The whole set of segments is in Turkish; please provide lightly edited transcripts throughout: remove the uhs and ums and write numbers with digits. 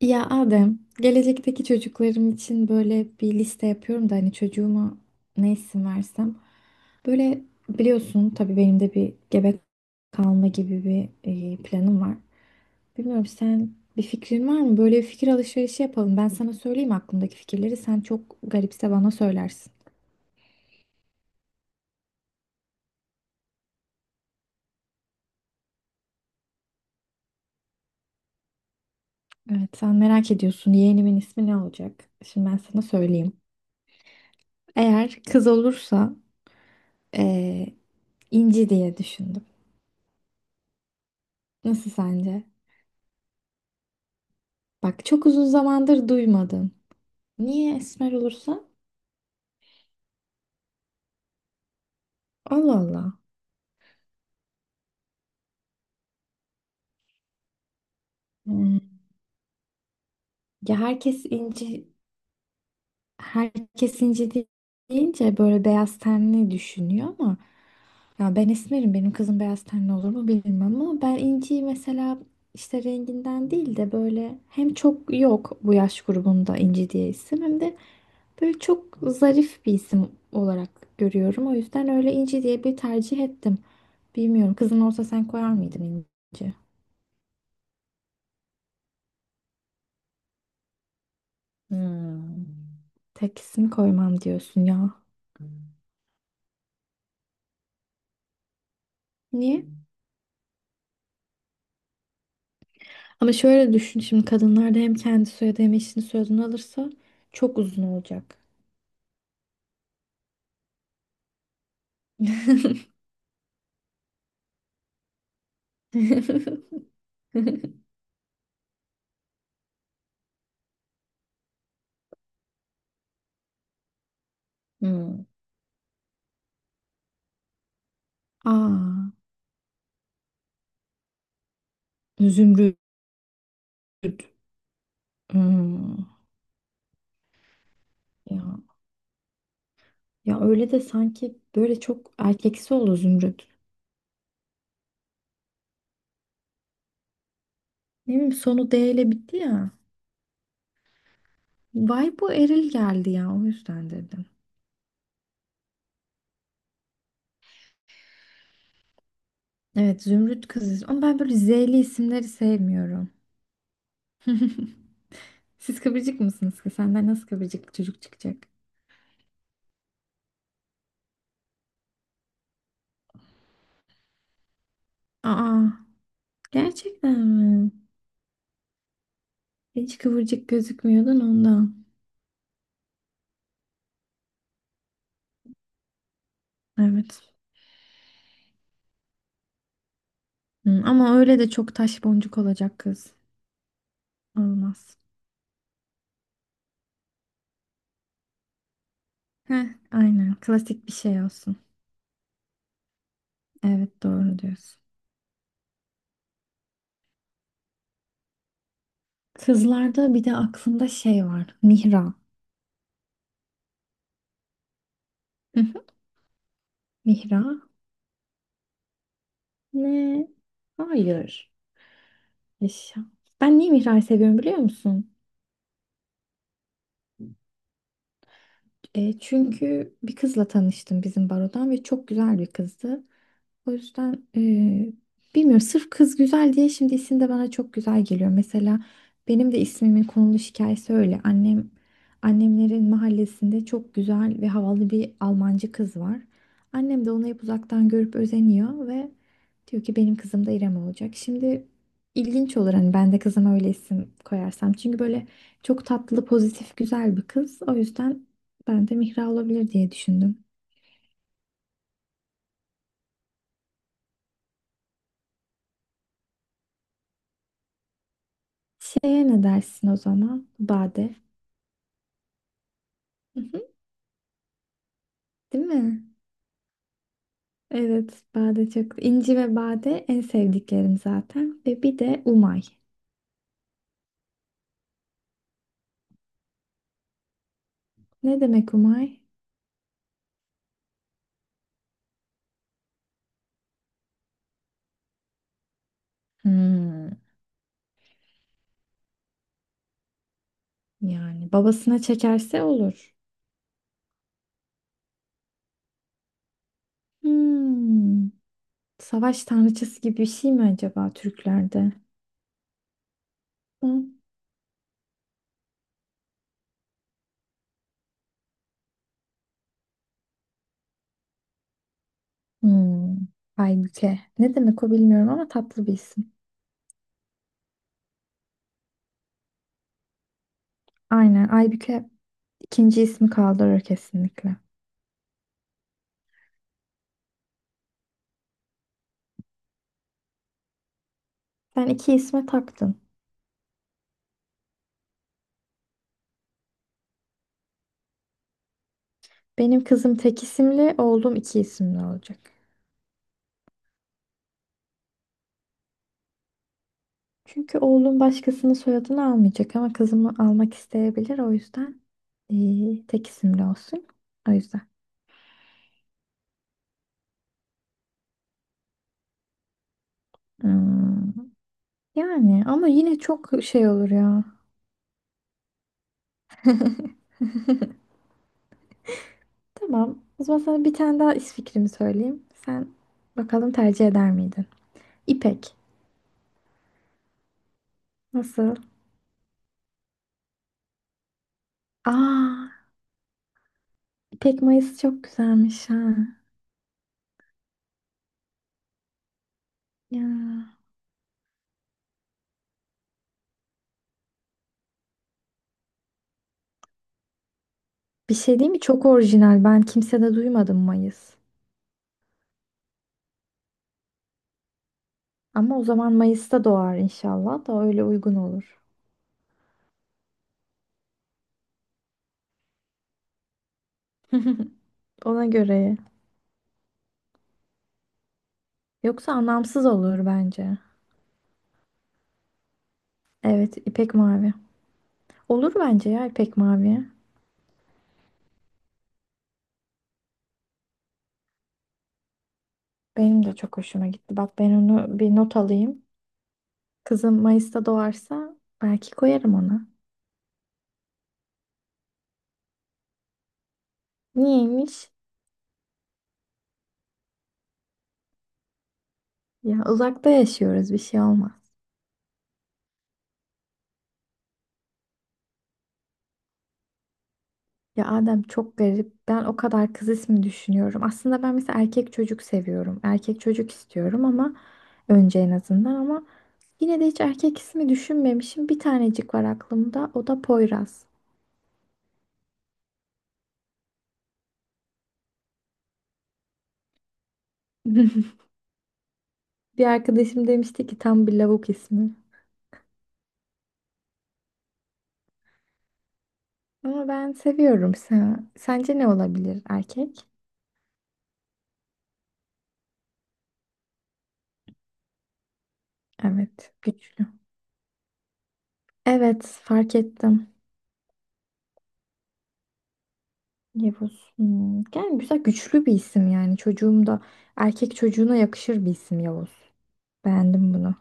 Ya Adem, gelecekteki çocuklarım için böyle bir liste yapıyorum da hani çocuğuma ne isim versem. Böyle biliyorsun tabii benim de bir gebe kalma gibi bir planım var. Bilmiyorum, sen bir fikrin var mı? Böyle bir fikir alışverişi yapalım. Ben sana söyleyeyim aklımdaki fikirleri. Sen çok garipse bana söylersin. Evet, sen merak ediyorsun yeğenimin ismi ne olacak? Şimdi ben sana söyleyeyim. Eğer kız olursa e, İnci diye düşündüm. Nasıl sence? Bak, çok uzun zamandır duymadım. Niye esmer olursa? Allah Allah. Hmm. Ya herkes inci, herkes inci de- deyince böyle beyaz tenli düşünüyor ama ya ben esmerim, benim kızım beyaz tenli olur mu bilmiyorum ama ben inciyi mesela işte renginden değil de böyle hem çok yok bu yaş grubunda inci diye isim hem de böyle çok zarif bir isim olarak görüyorum. O yüzden öyle inci diye bir tercih ettim. Bilmiyorum, kızın olsa sen koyar mıydın inci? Taksim koymam diyorsun ya. Niye? Ama şöyle düşün, şimdi kadınlar da hem kendi soyadı hem eşinin soyadını alırsa çok uzun olacak. Hmm. Aa, Zümrüt. Hmm. Ya, ya öyle de sanki böyle çok erkeksi oldu Zümrüt. Ne bileyim, sonu D ile bitti ya. Vay, bu eril geldi ya, o yüzden dedim. Evet Zümrüt kızız ama ben böyle Z'li isimleri sevmiyorum. Siz kıvırcık mısınız ki? Senden nasıl kıvırcık çocuk çıkacak? Aa, gerçekten mi? Hiç kıvırcık gözükmüyordun ondan. Evet. Hı, ama öyle de çok taş boncuk olacak kız. Olmaz. Heh, aynen. Klasik bir şey olsun. Evet, doğru diyorsun. Kızlarda bir de aklımda şey var. Mihra. Hı hı, Mihra. Ne? Hayır. Yaşa. Ben niye Mihra'yı seviyorum biliyor musun? E, çünkü bir kızla tanıştım bizim barodan ve çok güzel bir kızdı. O yüzden bilmiyorum, sırf kız güzel diye şimdi isim de bana çok güzel geliyor. Mesela benim de ismimin konulu hikayesi öyle. Annemlerin mahallesinde çok güzel ve havalı bir Almancı kız var. Annem de onu hep uzaktan görüp özeniyor ve diyor ki benim kızım da İrem olacak. Şimdi ilginç olur hani ben de kızıma öyle isim koyarsam. Çünkü böyle çok tatlı, pozitif, güzel bir kız. O yüzden ben de Mihra olabilir diye düşündüm. Şeye ne dersin o zaman? Bade. Değil mi? Evet, bade çok. İnci ve bade en sevdiklerim zaten. Ve bir de Umay. Ne demek Umay? Hmm, yani babasına çekerse olur. Hmm, savaş tanrıçası gibi bir şey mi acaba Türklerde? Hı? Hmm, Aybüke. Ne demek o bilmiyorum ama tatlı bir isim. Aynen Aybüke ikinci ismi kaldırır kesinlikle. Sen iki isme taktın. Benim kızım tek isimli, oğlum iki isimli olacak. Çünkü oğlum başkasının soyadını almayacak ama kızımı almak isteyebilir. O yüzden tek isimli olsun. O yüzden. Hmm, yani ama yine çok şey olur ya. Tamam. O zaman sana bir tane daha is fikrimi söyleyeyim. Sen bakalım tercih eder miydin? İpek. Nasıl? Aa, İpek Mayıs çok güzelmiş ha. Ya. Bir şey değil mi? Çok orijinal. Ben kimsede duymadım Mayıs. Ama o zaman Mayıs'ta doğar inşallah, da öyle uygun olur. Ona göre. Yoksa anlamsız olur bence. Evet, ipek mavi. Olur bence ya ipek mavi. Benim de çok hoşuma gitti. Bak, ben onu bir not alayım. Kızım Mayıs'ta doğarsa belki koyarım ona. Niyeymiş? Ya uzakta yaşıyoruz, bir şey olmaz. Ya Adem çok garip. Ben o kadar kız ismi düşünüyorum. Aslında ben mesela erkek çocuk seviyorum. Erkek çocuk istiyorum ama önce en azından ama yine de hiç erkek ismi düşünmemişim. Bir tanecik var aklımda. O da Poyraz. Bir arkadaşım demişti ki tam bir lavuk ismi. Ama ben seviyorum. Sen, sence ne olabilir erkek? Evet, güçlü. Evet, fark ettim. Yavuz. Hmm, yani güzel, güçlü bir isim yani. Çocuğum da erkek çocuğuna yakışır bir isim Yavuz. Beğendim bunu.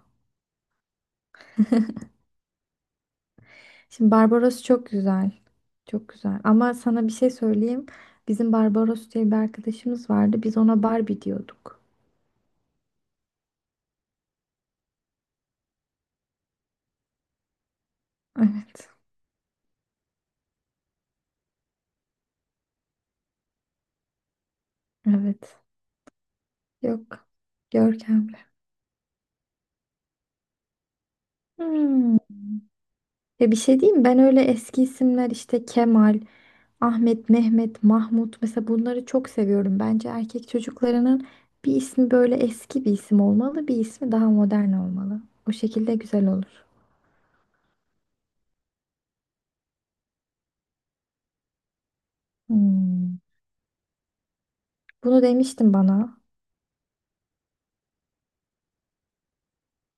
Şimdi Barbaros çok güzel. Çok güzel. Ama sana bir şey söyleyeyim. Bizim Barbaros diye bir arkadaşımız vardı. Biz ona Barbie diyorduk. Evet. Evet. Yok. Görkemli. Hmm. Ya bir şey diyeyim, ben öyle eski isimler işte Kemal, Ahmet, Mehmet, Mahmut mesela bunları çok seviyorum. Bence erkek çocuklarının bir ismi böyle eski bir isim olmalı, bir ismi daha modern olmalı. O şekilde güzel olur. Hmm. Bunu demiştin bana.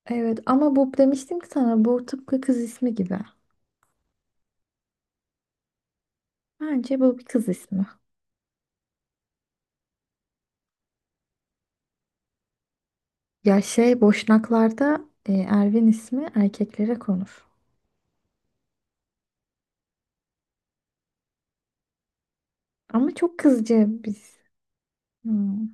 Evet ama bu demiştim ki sana bu tıpkı kız ismi gibi. Bence bu bir kız ismi. Ya şey Boşnaklarda Ervin ismi erkeklere konur. Ama çok kızcı biz. Hmm.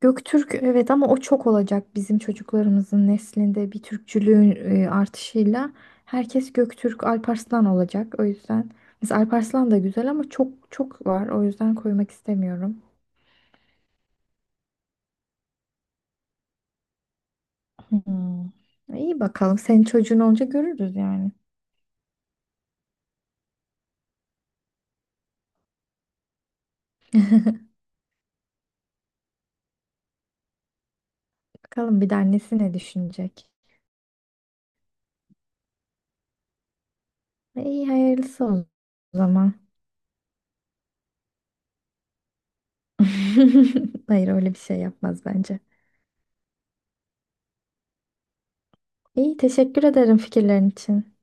Göktürk evet ama o çok olacak bizim çocuklarımızın neslinde bir Türkçülüğün artışıyla herkes Göktürk Alparslan olacak. O yüzden mesela Alparslan da güzel ama çok çok var. O yüzden koymak istemiyorum. Hmm. İyi bakalım, senin çocuğun olunca görürüz yani. Bakalım bir de annesi ne düşünecek. E, İyi hayırlısı o zaman. Hayır, öyle bir şey yapmaz bence. İyi, teşekkür ederim fikirlerin için.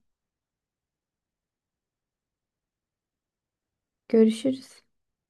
Görüşürüz.